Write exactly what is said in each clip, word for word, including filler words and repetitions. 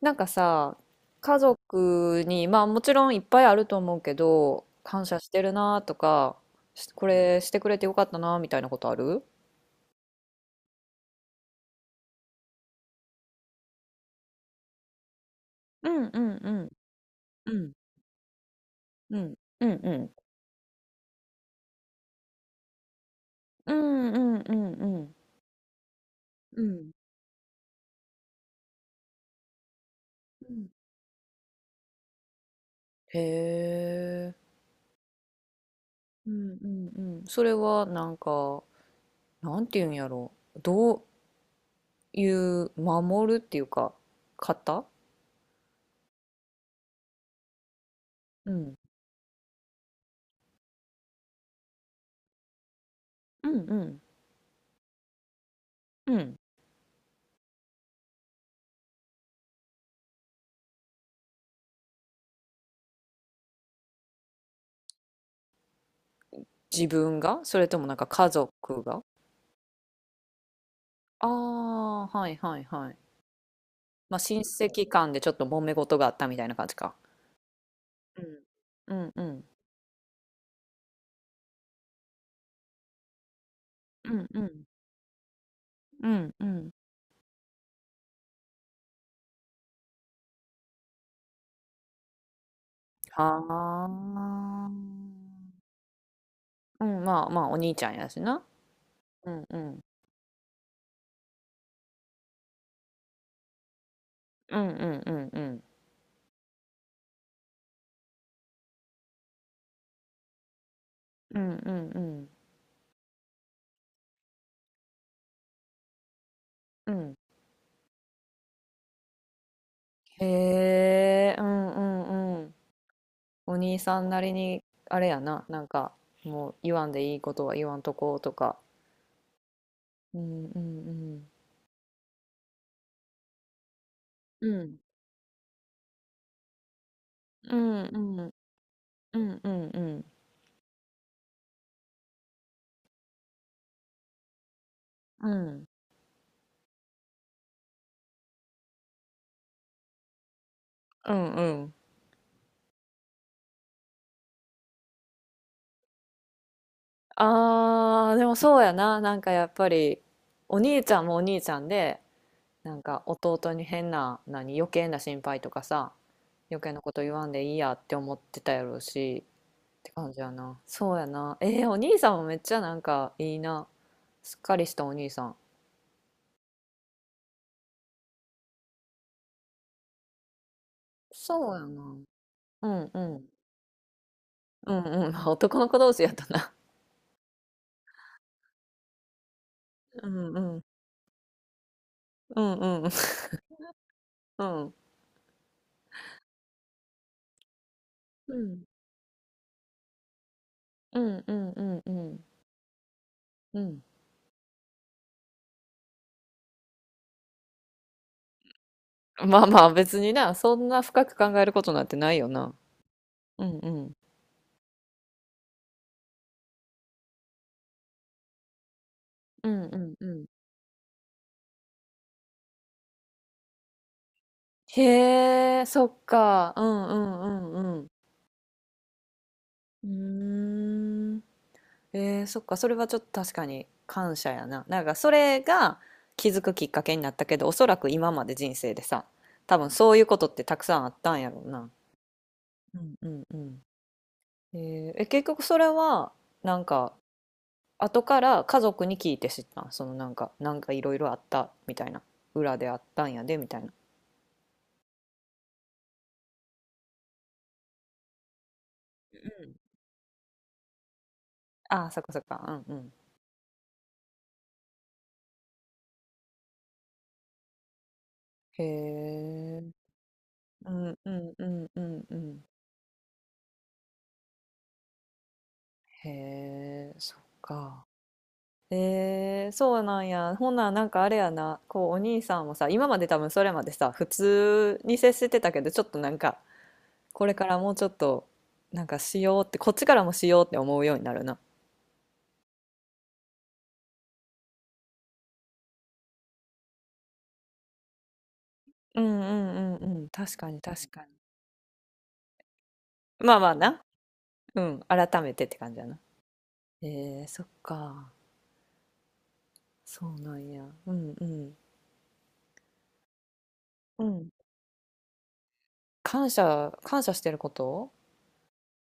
なんかさ、家族に、まあもちろんいっぱいあると思うけど、感謝してるなとか、しこれしてくれてよかったなみたいなことある？うん、うん、うん、うん、うん、うん、うん、うん、うん、うん、うん、うん、へえ、うん、へえ、うん、うん、うん。それはなんか、なんていうんやろ、どういう守るっていうか、方？うん、うん、うん、うん。自分が、それともなんか家族が？ああ、はいはいはい。まあ、親戚間でちょっと揉め事があったみたいな感じか。うん。うん、うん、うん、うん、うん、うん、はあ、うん。まあまあ、お兄ちゃんやしな。うん、うん、うん、うん、うん、うん、うん、うん、うん、うん、へえ、うん、うん、うん。お兄さんなりに、あれやな、なんか、もう言わんでいいことは言わんとこうとか。うんうん、うん、うん、うん、うん、うん、うん、うん、うん、うん。うん。あー、でもそうやな。なんかやっぱり、お兄ちゃんもお兄ちゃんで、なんか弟に変な、何、余計な心配とかさ、余計なこと言わんでいいやって思ってたやろうし、って感じやな。そうやな。えー、お兄さんもめっちゃなんかいいな。すっかりしたお兄さん。そうやな。うん、うん。うん、うん。まあ男の子同士やったな。うん、うん。うん、うん。うん。うん、うん、うん、うん、うん。うん。まあまあ別にな、そんな深く考えることなんてないよな。うん、うん。うん、うん、うん。へえ、そっか。うん、うん、うん、うん。うーん。えー、そっか。それはちょっと確かに感謝やな。なんかそれが気づくきっかけになったけど、おそらく今まで人生でさ、多分そういうことってたくさんあったんやろうな。うん、うん、うん。えーえ結局それは、なんか後から家族に聞いて知ったん？その、なんかなんかいろいろあったみたいな、裏であったんやでみたいな。うん、ああ、そっか、そっか、うん、うん、へえ、うん、うん、うん、うん、うん、へえ、そっか。えー、そうなんや。ほんなら、なんかあれやな、こうお兄さんもさ、今まで多分それまでさ、普通に接してたけど、ちょっとなんか、これからもうちょっとなんかしようって、こっちからもしようって思うようになるな。うん、うん、うん、うん。確かに、確かに。まあまあな。うん、改めてって感じやな。えー、そっか。そうなんや。うん、うん。うん。感謝、感謝してること。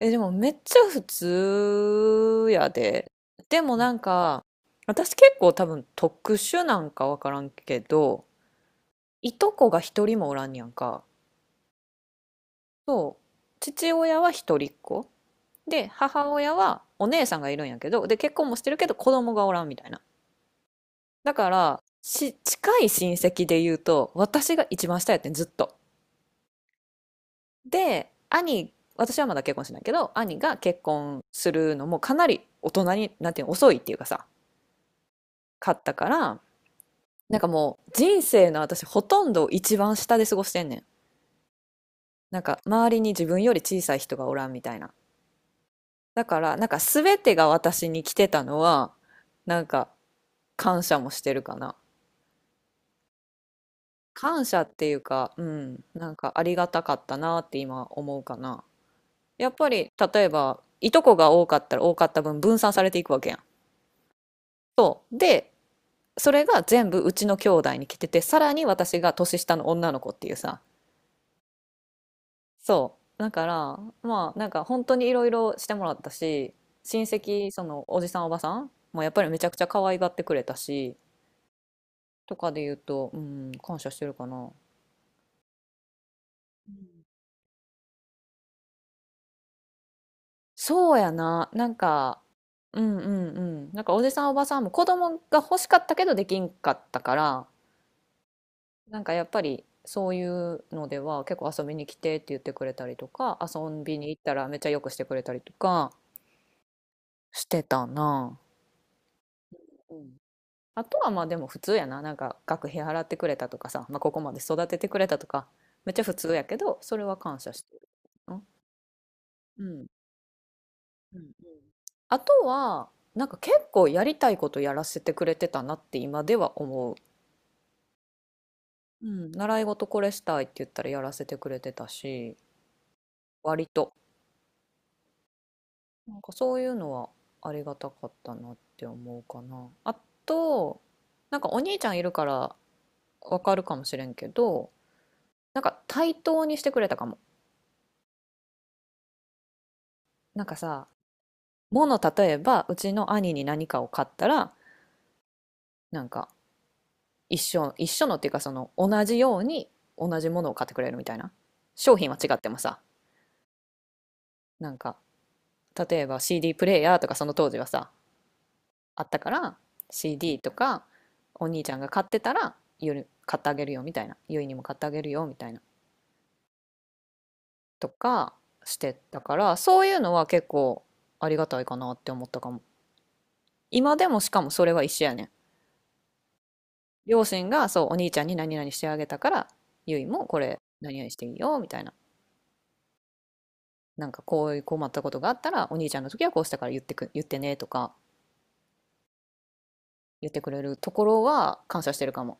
え、でもめっちゃ普通やで。でもなんか、私結構多分特殊なんかわからんけど、いとこが一人もおらんねやんか。そう。父親は一人っ子。で、母親はお姉さんがいるんやけど、で、結婚もしてるけど子供がおらんみたいな。だから、し、近い親戚で言うと、私が一番下やってん、ずっと。で、兄、私はまだ結婚してないけど、兄が結婚するのもかなり大人に、なんていうの、遅いっていうかさ、買ったから、なんかもう人生の私ほとんど一番下で過ごしてんねん。なんか周りに自分より小さい人がおらんみたいな。だから、なんか全てが私に来てたのはなんか感謝もしてるかな。感謝っていうか、うん、なんかありがたかったなって今思うかな。やっぱり、例えば、いとこが多かったら多かった分、分散されていくわけやん。そう。で、それが全部うちの兄弟に来てて、さらに私が年下の女の子っていうさ。そう。だから、まあ、なんか本当にいろいろしてもらったし、親戚、その、おじさんおばさんもやっぱりめちゃくちゃ可愛がってくれたし、とかで言うと、うん、感謝してるかな。そうやな。なんか、うん、うん、うん。なんかおじさんおばさんも子供が欲しかったけどできんかったから、なんかやっぱりそういうのでは結構遊びに来てって言ってくれたりとか、遊びに行ったらめっちゃよくしてくれたりとかしてたな。うん。あとはまあでも普通やな。なんか学費払ってくれたとかさ、まあ、ここまで育ててくれたとか、めっちゃ普通やけど、それは感謝してる。うん。うん。うん。あとは、なんか結構やりたいことやらせてくれてたなって今では思う。うん。習い事これしたいって言ったらやらせてくれてたし、割と。なんかそういうのはありがたかったなって思うかな。あと、なんかお兄ちゃんいるからわかるかもしれんけど、なんか対等にしてくれたかも。なんかさ、もの例えばうちの兄に何かを買ったら、なんか、一緒、一緒のっていうか、その同じように同じものを買ってくれるみたいな。商品は違ってもさ、なんか例えば シーディー プレイヤーとかその当時はさ、あったから、 シーディー とかお兄ちゃんが買ってたら、ゆ買ってあげるよみたいな、ゆいにも買ってあげるよみたいなとかしてたから、そういうのは結構ありがたいかなって思ったかも。今でもしかもそれは一緒やねん。両親がそうお兄ちゃんに何々してあげたから、ゆいもこれ何々していいよみたいな、なんかこういう困ったことがあったらお兄ちゃんの時はこうしたから、言ってく言ってねとか言ってくれるところは感謝してるかも。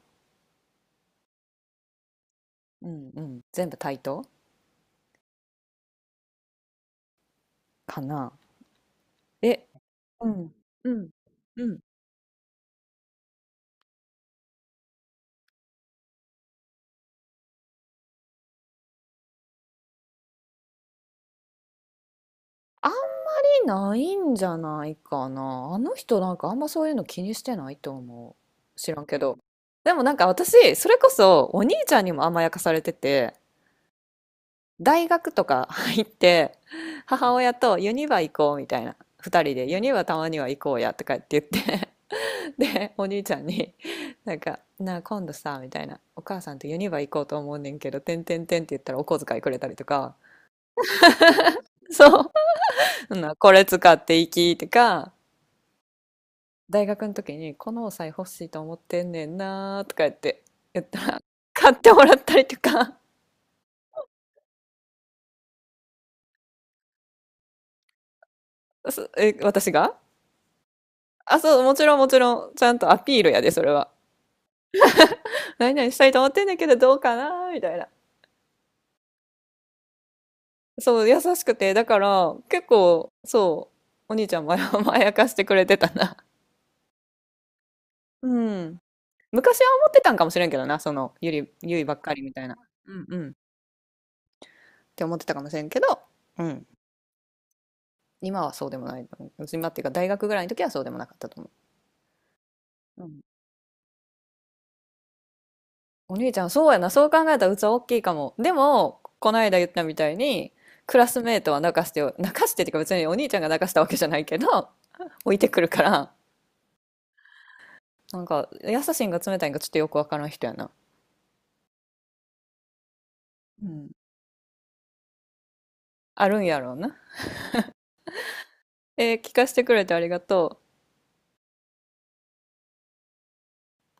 うん、うん、全部対等かな。え、うん。うん。うん。あんまりないんじゃないかな。あの人なんかあんまそういうの気にしてないと思う。知らんけど。でもなんか私、それこそお兄ちゃんにも甘やかされてて、大学とか 入って、母親とユニバ行こうみたいな。二人でユニバたまには行こうやとかって言って で、お兄ちゃんになんか、なあ今度さ、みたいな。お母さんとユニバ行こうと思うねんけど、てんてんてんって言ったらお小遣いくれたりとか。そう。そんなこれ使っていきとか、大学の時にこのお財布欲しいと思ってんねんなーとか言って、言ったら、買ってもらったりとか、そ え、私があ、そう、もちろんもちろん、ちゃんとアピールやで、それは。何々したいと思ってんねんけど、どうかなーみたいな。そう、優しくて、だから、結構、そう、お兄ちゃんも 甘やかしてくれてたな。うん。昔は思ってたんかもしれんけどな、その、ゆり、ゆいばっかりみたいな。うん、うん。って思ってたかもしれんけど、うん。今はそうでもないと思う。今っていうか大学ぐらいの時はそうでもなかったと思う。うん。お兄ちゃん、そうやな。そう考えたら器大きいかも。でもこの間言ったみたいに、クラスメートは泣かしてよ泣かしてっていうか、別にお兄ちゃんが泣かしたわけじゃないけど 置いてくるから、なんか優しいんか冷たいんかちょっとよくわからん人やな。うん、あるんやろうな。えー聞かせてくれてありがとう。